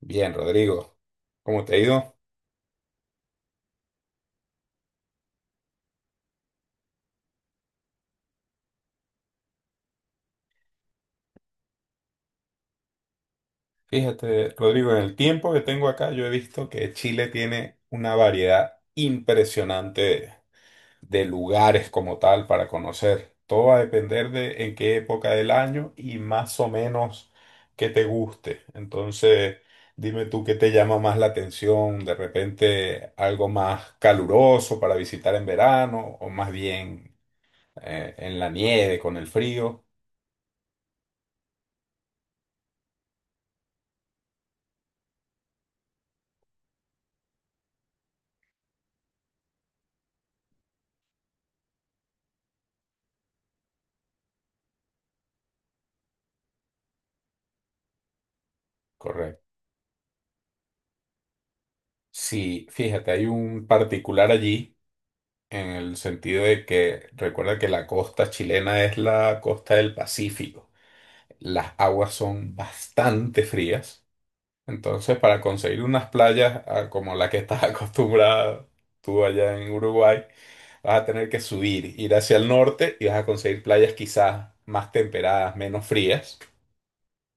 Bien, Rodrigo. ¿Cómo te ha ido? Fíjate, Rodrigo, en el tiempo que tengo acá, yo he visto que Chile tiene una variedad impresionante de lugares como tal para conocer. Todo va a depender de en qué época del año y más o menos qué te guste. Entonces, dime tú qué te llama más la atención, de repente algo más caluroso para visitar en verano o más bien en la nieve con el frío. Correcto. Sí, fíjate, hay un particular allí en el sentido de que recuerda que la costa chilena es la costa del Pacífico. Las aguas son bastante frías, entonces para conseguir unas playas como la que estás acostumbrada tú allá en Uruguay, vas a tener que subir, ir hacia el norte y vas a conseguir playas quizás más temperadas, menos frías.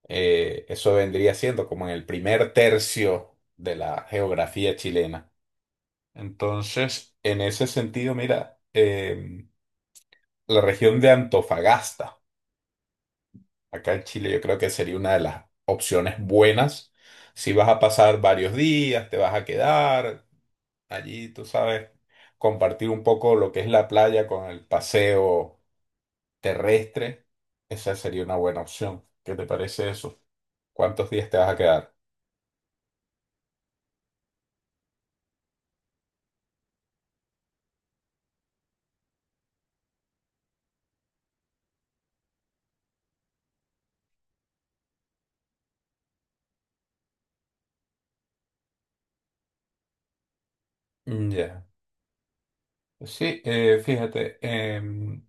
Eso vendría siendo como en el primer tercio de la geografía chilena. Entonces, en ese sentido, mira, la región de Antofagasta, acá en Chile, yo creo que sería una de las opciones buenas. Si vas a pasar varios días, te vas a quedar allí, tú sabes, compartir un poco lo que es la playa con el paseo terrestre, esa sería una buena opción. ¿Qué te parece eso? ¿Cuántos días te vas a quedar? Mm, ya. Sí, fíjate,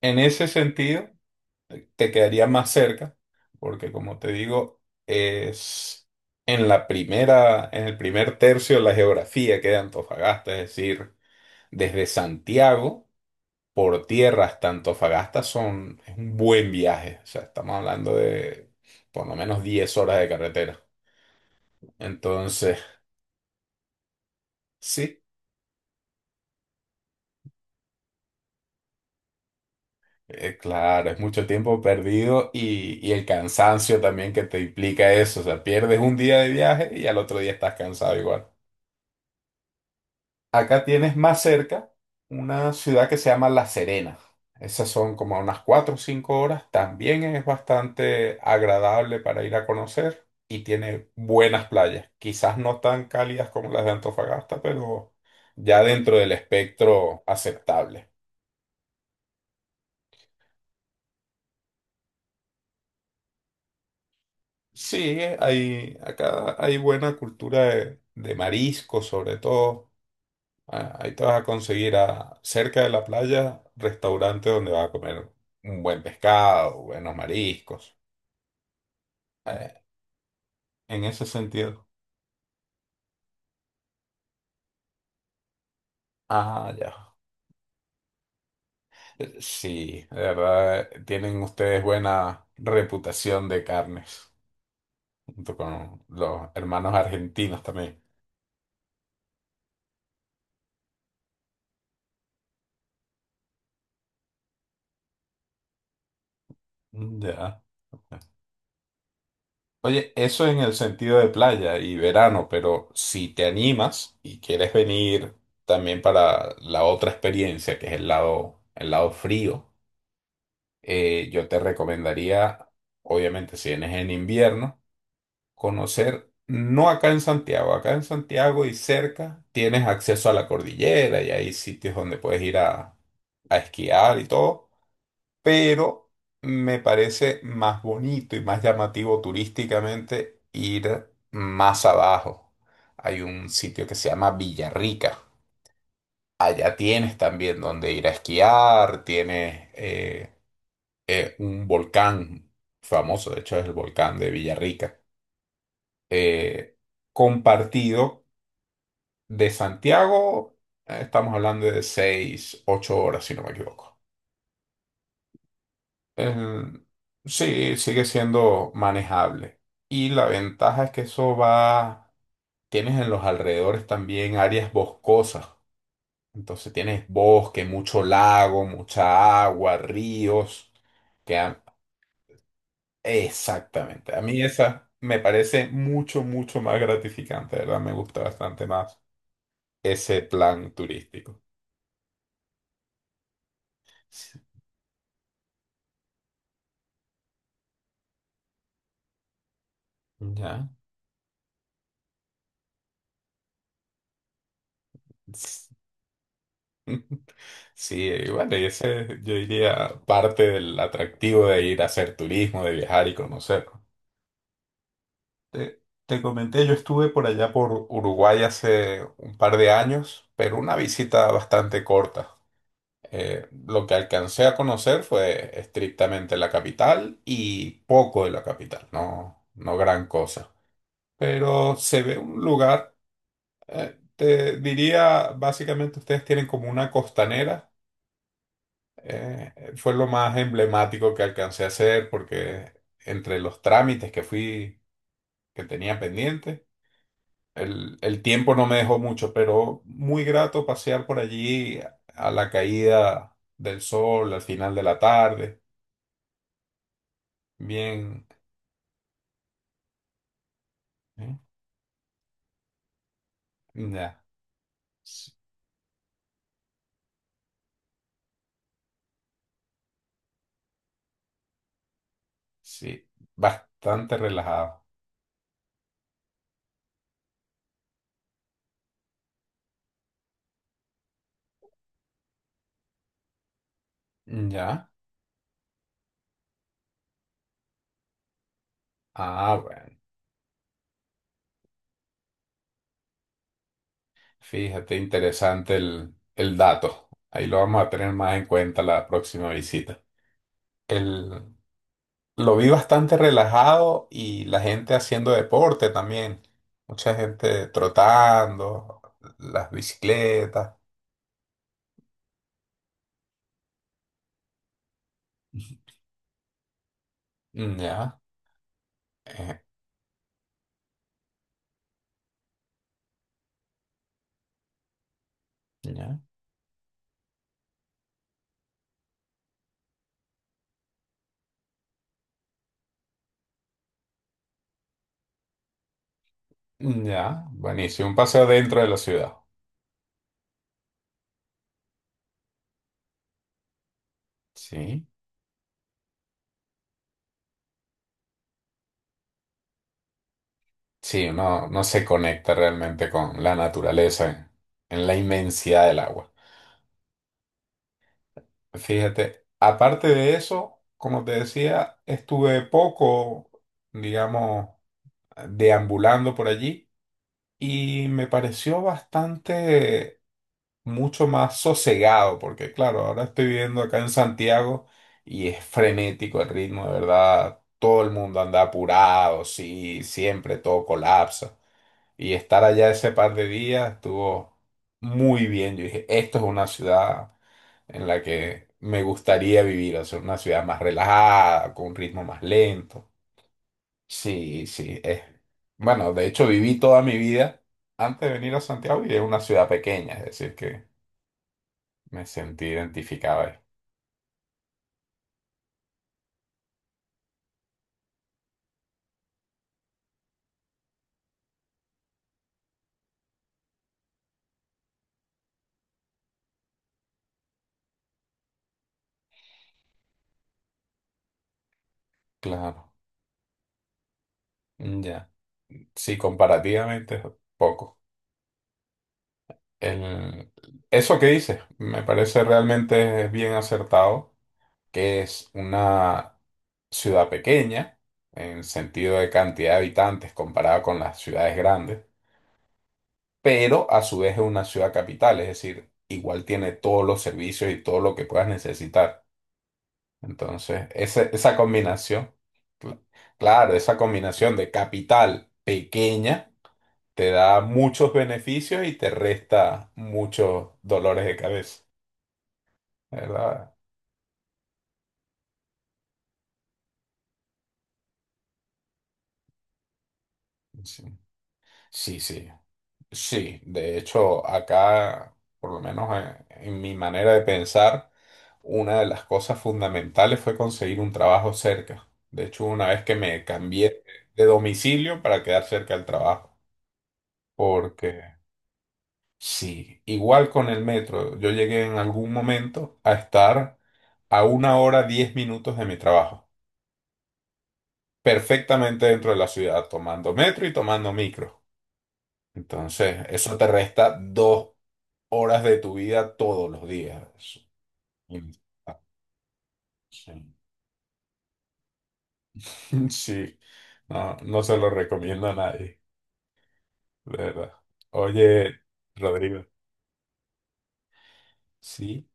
en ese sentido. Te quedaría más cerca, porque como te digo, es en el primer tercio de la geografía que de Antofagasta, es decir, desde Santiago por tierra hasta Antofagasta es un buen viaje, o sea, estamos hablando de por lo menos 10 horas de carretera. Entonces, sí, claro, es mucho tiempo perdido y el cansancio también que te implica eso, o sea, pierdes un día de viaje y al otro día estás cansado igual. Acá tienes más cerca una ciudad que se llama La Serena. Esas son como unas 4 o 5 horas. También es bastante agradable para ir a conocer y tiene buenas playas. Quizás no tan cálidas como las de Antofagasta, pero ya dentro del espectro aceptable. Sí, acá hay buena cultura de marisco sobre todo. Ahí te vas a conseguir cerca de la playa, restaurante donde vas a comer un buen pescado, buenos mariscos. Eh, en ese sentido. Ah, ya. Sí, de verdad, tienen ustedes buena reputación de carnes, junto con los hermanos argentinos también. Mm, ya. Oye, eso en el sentido de playa y verano, pero si te animas y quieres venir también para la otra experiencia, que es el lado frío. Yo te recomendaría, obviamente, si vienes en invierno, conocer, no acá en Santiago, acá en Santiago y cerca tienes acceso a la cordillera y hay sitios donde puedes ir a esquiar y todo, pero me parece más bonito y más llamativo turísticamente ir más abajo. Hay un sitio que se llama Villarrica. Allá tienes también donde ir a esquiar, tienes un volcán famoso, de hecho es el volcán de Villarrica, eh, compartido de Santiago, estamos hablando de 6 8 horas, si no me equivoco. El- sí, sigue siendo manejable. Y la ventaja es que eso va, tienes en los alrededores también áreas boscosas. Entonces tienes bosque, mucho lago, mucha agua, ríos, que han- Exactamente. A mí esa me parece mucho, mucho más gratificante, de ¿verdad? Me gusta bastante más ese plan turístico. Sí. Ya. S- Sí, bueno, y ese yo diría parte del atractivo de ir a hacer turismo, de viajar y conocer. Te comenté, yo estuve por allá por Uruguay hace un par de años, pero una visita bastante corta. Lo que alcancé a conocer fue estrictamente la capital y poco de la capital, no, no gran cosa. Pero se ve un lugar, te diría, básicamente ustedes tienen como una costanera, fue lo más emblemático que alcancé a hacer porque entre los trámites que fui, que tenía pendiente, el tiempo no me dejó mucho, pero muy grato pasear por allí a la caída del sol, al final de la tarde. Bien. ¿Eh? Ya. Sí, sí, bastante relajado. Ya. Ah, bueno. Fíjate, interesante el dato. Ahí lo vamos a tener más en cuenta la próxima visita. El, lo vi bastante relajado y la gente haciendo deporte también. Mucha gente trotando, las bicicletas. Ya. eh, ya. Ya. Buenísimo. Un paseo dentro de la ciudad. Sí. Sí, uno no se conecta realmente con la naturaleza en la inmensidad del agua. Fíjate, aparte de eso, como te decía, estuve poco, digamos, deambulando por allí y me pareció bastante mucho más sosegado, porque claro, ahora estoy viviendo acá en Santiago y es frenético el ritmo, de verdad, todo el mundo anda apurado, sí, siempre todo colapsa. Y estar allá ese par de días estuvo muy bien. Yo dije, esto es una ciudad en la que me gustaría vivir, o sea, una ciudad más relajada, con un ritmo más lento. Sí, sí, es. Bueno, de hecho viví toda mi vida antes de venir a Santiago y es una ciudad pequeña, es decir, que me sentí identificado ahí. Claro, ya. Sí, comparativamente es poco. El... Eso que dices me parece realmente bien acertado que es una ciudad pequeña en sentido de cantidad de habitantes comparada con las ciudades grandes, pero a su vez es una ciudad capital, es decir, igual tiene todos los servicios y todo lo que puedas necesitar. Entonces, esa combinación, cl- claro, esa combinación de capital pequeña te da muchos beneficios y te resta muchos dolores de cabeza, ¿verdad? Sí, sí. Sí. Sí, de hecho, acá, por lo menos en mi manera de pensar, una de las cosas fundamentales fue conseguir un trabajo cerca. De hecho, una vez que me cambié de domicilio para quedar cerca del trabajo, porque sí, igual con el metro, yo llegué en algún momento a estar a 1 hora 10 minutos de mi trabajo, perfectamente dentro de la ciudad, tomando metro y tomando micro. Entonces, eso te resta 2 horas de tu vida todos los días. Mm, sí. Sí. No, no se lo recomiendo a nadie, de verdad. Oye, Rodrigo. Sí,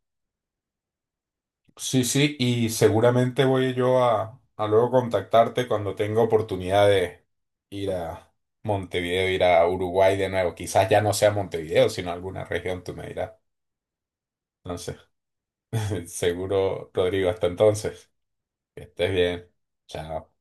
sí, sí, y seguramente voy yo a luego contactarte cuando tenga oportunidad de ir a Montevideo, ir a Uruguay de nuevo. Quizás ya no sea Montevideo, sino alguna región, tú me dirás. Entonces, seguro, Rodrigo, hasta entonces, que estés bien. Chao.